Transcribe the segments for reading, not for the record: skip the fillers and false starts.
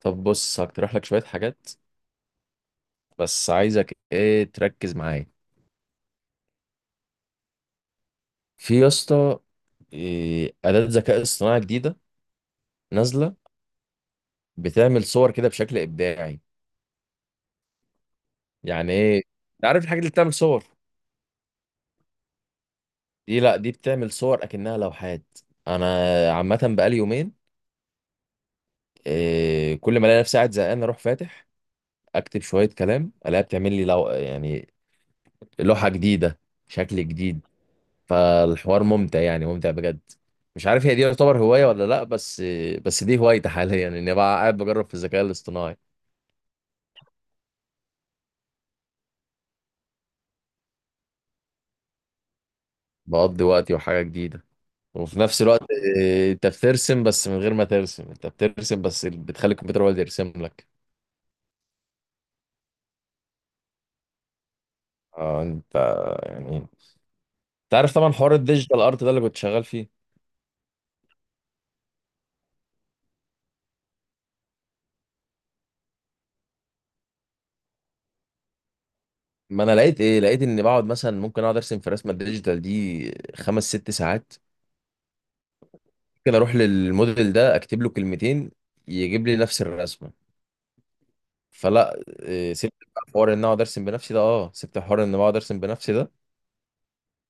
طب بص هقترح لك شوية حاجات. بس عايزك تركز معايا في يا اسطى. أداة ذكاء اصطناعي جديدة نازلة بتعمل صور كده بشكل إبداعي. يعني ايه؟ أنت عارف الحاجة اللي بتعمل صور دي؟ لا، دي بتعمل صور أكنها لوحات. أنا عامة بقالي يومين، كل ما ألاقي نفسي قاعد زهقان أروح فاتح أكتب شوية كلام ألاقيها بتعمل لي يعني لوحة جديدة، شكل جديد. فالحوار ممتع، يعني ممتع بجد. مش عارف هي دي يعتبر هواية ولا لأ، بس بس دي هوايتي حاليا، إني بقى قاعد بجرب في الذكاء الاصطناعي. بقضي وقتي وحاجة جديدة وفي نفس الوقت. أنت بترسم بس من غير ما ترسم، أنت بترسم بس بتخلي الكمبيوتر هو اللي يرسم لك. آه. أنت يعني عارف طبعا حوار الديجيتال أرت ده اللي كنت شغال فيه. ما أنا لقيت لقيت إني بقعد مثلا ممكن أقعد أرسم في رسمة الديجيتال دي خمس ست ساعات. ممكن أروح للموديل ده أكتب له كلمتين يجيب لي نفس الرسمة. فلا سبت بقى حوار ان اقعد ارسم بنفسي ده، اه سبت حوار ان بقعد ارسم بنفسي ده،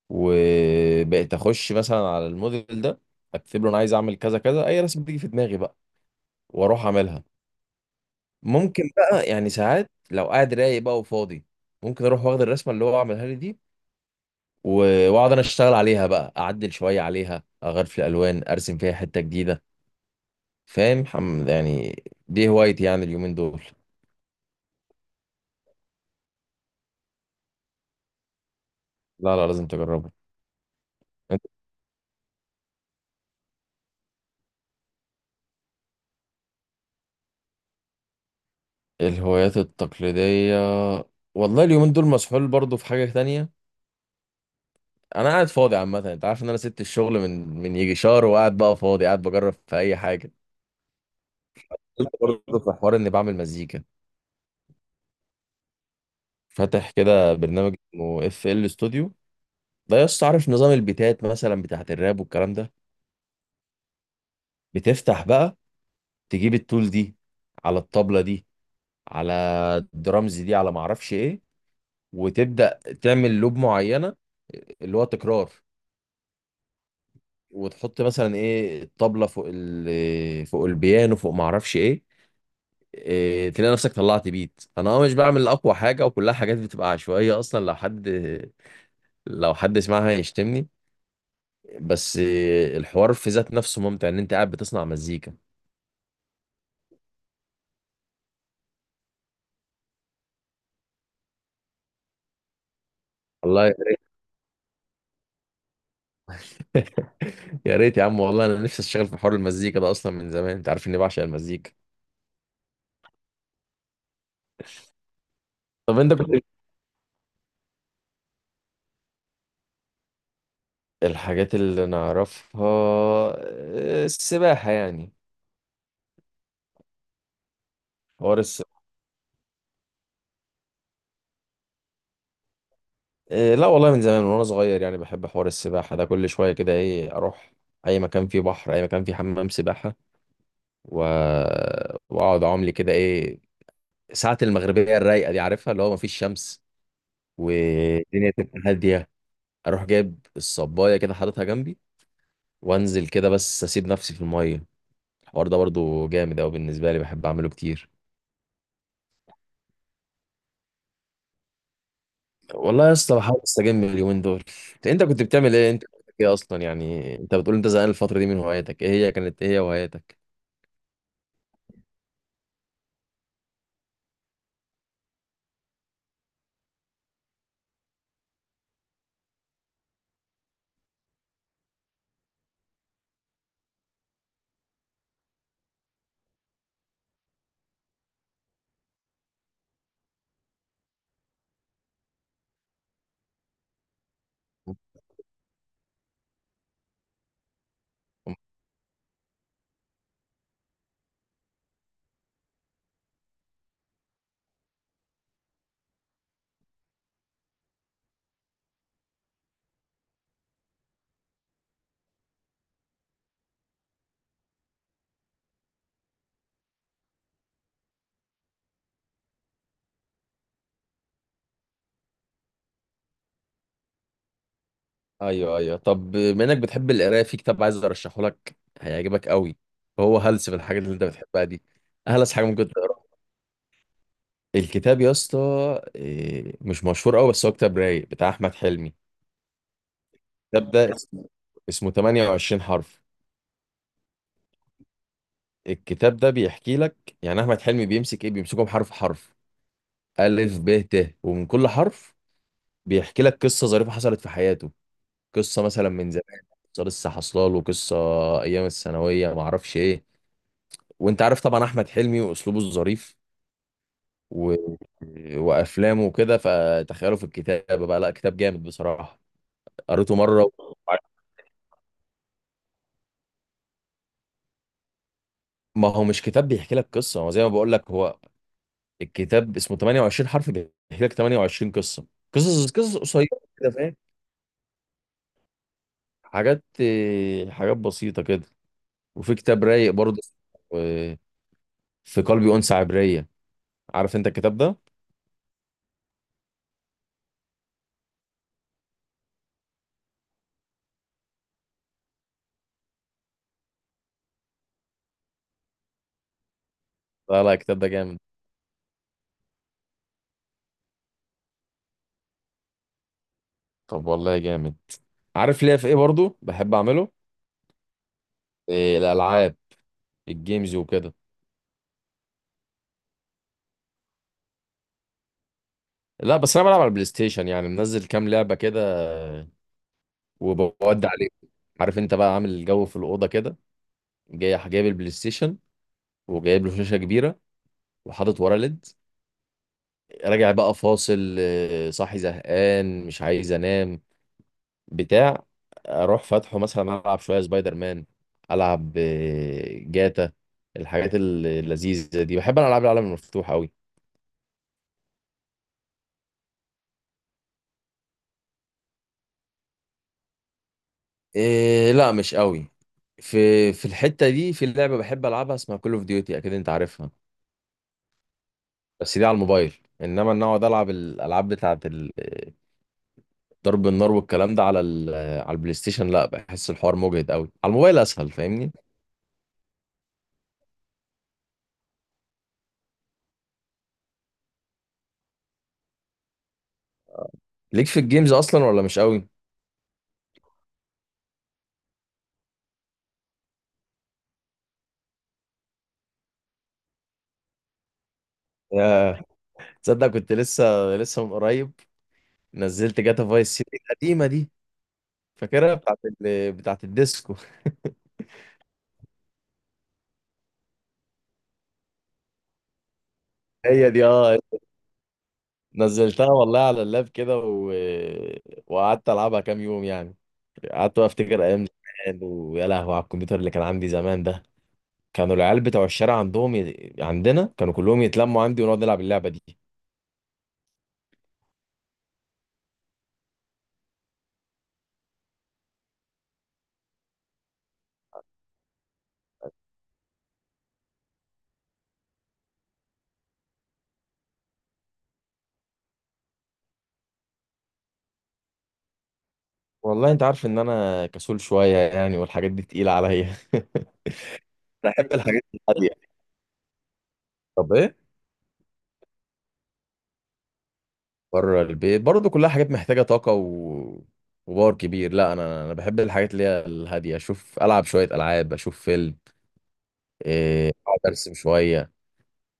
وبقيت اخش مثلا على الموديل ده اكتب له انا عايز اعمل كذا كذا، اي رسمه بتيجي في دماغي بقى واروح اعملها. ممكن بقى يعني ساعات لو قاعد رايق بقى وفاضي، ممكن اروح واخد الرسمه اللي هو عملها لي دي واقعد انا اشتغل عليها بقى، اعدل شويه عليها، اغير في الالوان، ارسم فيها حته جديده. فاهم؟ يعني دي هوايتي يعني اليومين دول. لا لا، لازم تجربها. الهوايات التقليدية، والله اليومين دول مسحول برضو في حاجة تانية. أنا قاعد فاضي عامة، أنت عارف إن أنا سبت الشغل من يجي شهر وقاعد بقى فاضي قاعد بجرب في أي حاجة. قلت برضو في حوار إني بعمل مزيكا، فاتح كده برنامج اسمه اف ال ستوديو. ده يا اسطى عارف نظام البيتات مثلا بتاعت الراب والكلام ده. بتفتح بقى تجيب التول دي على الطبلة دي، على الدرامز دي، على معرفش إيه، وتبدأ تعمل لوب معينة، اللي هو تكرار. وتحط مثلا الطبلة فوق فوق البيانو، فوق ما اعرفش ايه. تلاقي نفسك طلعت بيت. انا اه مش بعمل اقوى حاجه، وكلها حاجات بتبقى عشوائيه، اصلا لو حد سمعها يشتمني. بس الحوار في ذات نفسه ممتع ان انت قاعد بتصنع مزيكا. والله يا ريت يا عم، والله انا نفسي اشتغل في حوار المزيكا ده اصلا من زمان، انت عارف اني بعشق المزيكا. طب انت كنت، الحاجات اللي نعرفها، السباحه يعني. حوار السباحه، لا والله من زمان، من وانا صغير يعني بحب حوار السباحه ده. كل شويه كده ايه اروح اي مكان فيه بحر، اي مكان فيه حمام سباحه، و... واقعد اعوم لي كده ايه. ساعه المغربيه الرايقه دي عارفها، اللي هو مفيش شمس والدنيا تبقى هاديه. اروح جايب الصبايه كده حاططها جنبي وانزل كده بس اسيب نفسي في الميه. الحوار ده برضو جامد قوي بالنسبه لي، بحب اعمله كتير. والله يا اسطى بحاول استجم اليومين دول. انت كنت بتعمل ايه؟ انت كنت ايه اصلا؟ يعني انت بتقول انت زهقان الفتره دي من هواياتك، ايه هي؟ كانت ايه هي هواياتك؟ ايوه ايوه، طب بما انك بتحب القرايه، في كتاب عايز ارشحه لك، هيعجبك قوي. هو هلس في الحاجات اللي انت بتحبها دي. اهلس حاجه ممكن تقراها. الكتاب يا اسطى مش مشهور قوي، بس هو كتاب رايق بتاع احمد حلمي. الكتاب ده اسمه، 28 حرف. الكتاب ده بيحكي لك، يعني احمد حلمي بيمسك بيمسكهم حرف حرف، الف ب ت، ومن كل حرف بيحكي لك قصه ظريفه حصلت في حياته. قصه مثلا من زمان، قصه لسه حصلاله، قصه ايام الثانويه، ما اعرفش ايه. وانت عارف طبعا احمد حلمي واسلوبه الظريف و... وافلامه وكده، فتخيله في الكتابه بقى، لا كتاب جامد بصراحه. قريته مره. ما هو مش كتاب بيحكي لك قصه، هو زي ما بقول لك، هو الكتاب اسمه 28 حرف بيحكي لك 28 قصه. قصص قصيره كده، فاهم؟ حاجات حاجات بسيطه كده. وفي كتاب رايق برضه، آه، في قلبي انثى عبريه. عارف انت الكتاب ده؟ لا لا، الكتاب ده جامد. طب والله جامد. عارف ليه في ايه برضه بحب اعمله؟ الالعاب، الجيمز وكده. لا بس انا بلعب على البلاي ستيشن، يعني منزل كام لعبه كده وبودي عليه. عارف انت بقى عامل الجو في الاوضه كده، جاي جايب البلاي ستيشن وجايب له شاشه كبيره وحاطط وراه ليد، راجع بقى فاصل، آه، صاحي زهقان مش عايز انام، بتاع، اروح فاتحه مثلا العب شويه سبايدر مان، العب جاتا. الحاجات اللذيذه دي، بحب انا العاب العالم المفتوح قوي. لا مش قوي. في الحتة دي في لعبة بحب ألعبها اسمها كول اوف ديوتي، أكيد أنت عارفها. بس دي على الموبايل. إنما إن أقعد ألعب الألعاب بتاعة ضرب النار والكلام ده على على البلاي ستيشن، لا بحس الحوار مجهد قوي، على الموبايل أسهل، فاهمني. ليك في الجيمز أصلا ولا مش قوي؟ يا تصدق كنت لسه من قريب نزلت جاتا فايس سيتي القديمة دي، فاكرها بتاعة الديسكو. هي دي اه. نزلتها والله على اللاب كده وقعدت العبها كام يوم يعني. قعدت بقى افتكر ايام زمان، ويا لهوي على الكمبيوتر اللي كان عندي زمان ده. كانوا العيال بتوع الشارع عندنا كانوا كلهم يتلموا عندي ونقعد نلعب اللعبه دي. والله انت عارف ان انا كسول شويه يعني، والحاجات دي تقيله عليا. بحب الحاجات الهاديه. طب ايه. بره البيت برضه كلها حاجات محتاجه طاقه وباور كبير، لا انا بحب الحاجات اللي هي الهاديه، اشوف العب شويه العاب، اشوف فيلم، اقعد ارسم شويه.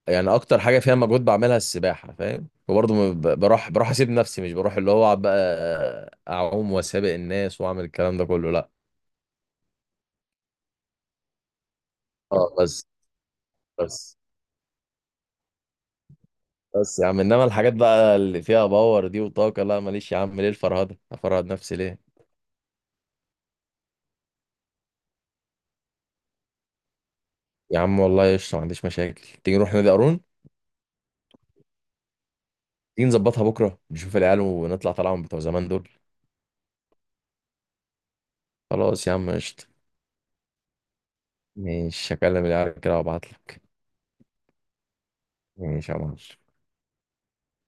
يعني اكتر حاجه فيها مجهود بعملها السباحه، فاهم. وبرضه ما ب- بروح اسيب نفسي، مش بروح اللي هو أقعد بقى اعوم واسابق الناس واعمل الكلام ده كله، لا. اه بس. بس بس يا عم انما الحاجات بقى اللي فيها باور دي وطاقه، لا ماليش. يا عم ليه الفرهده؟ افرهد نفسي ليه؟ يا عم والله قشطه، ما عنديش مشاكل، تيجي نروح نادي قارون. تيجي نظبطها بكره، نشوف العيال ونطلع طلعهم بتوع زمان دول. خلاص يا عم قشطه. ماشي هكلم العيال كده وابعت لك. ماشي يا معلم.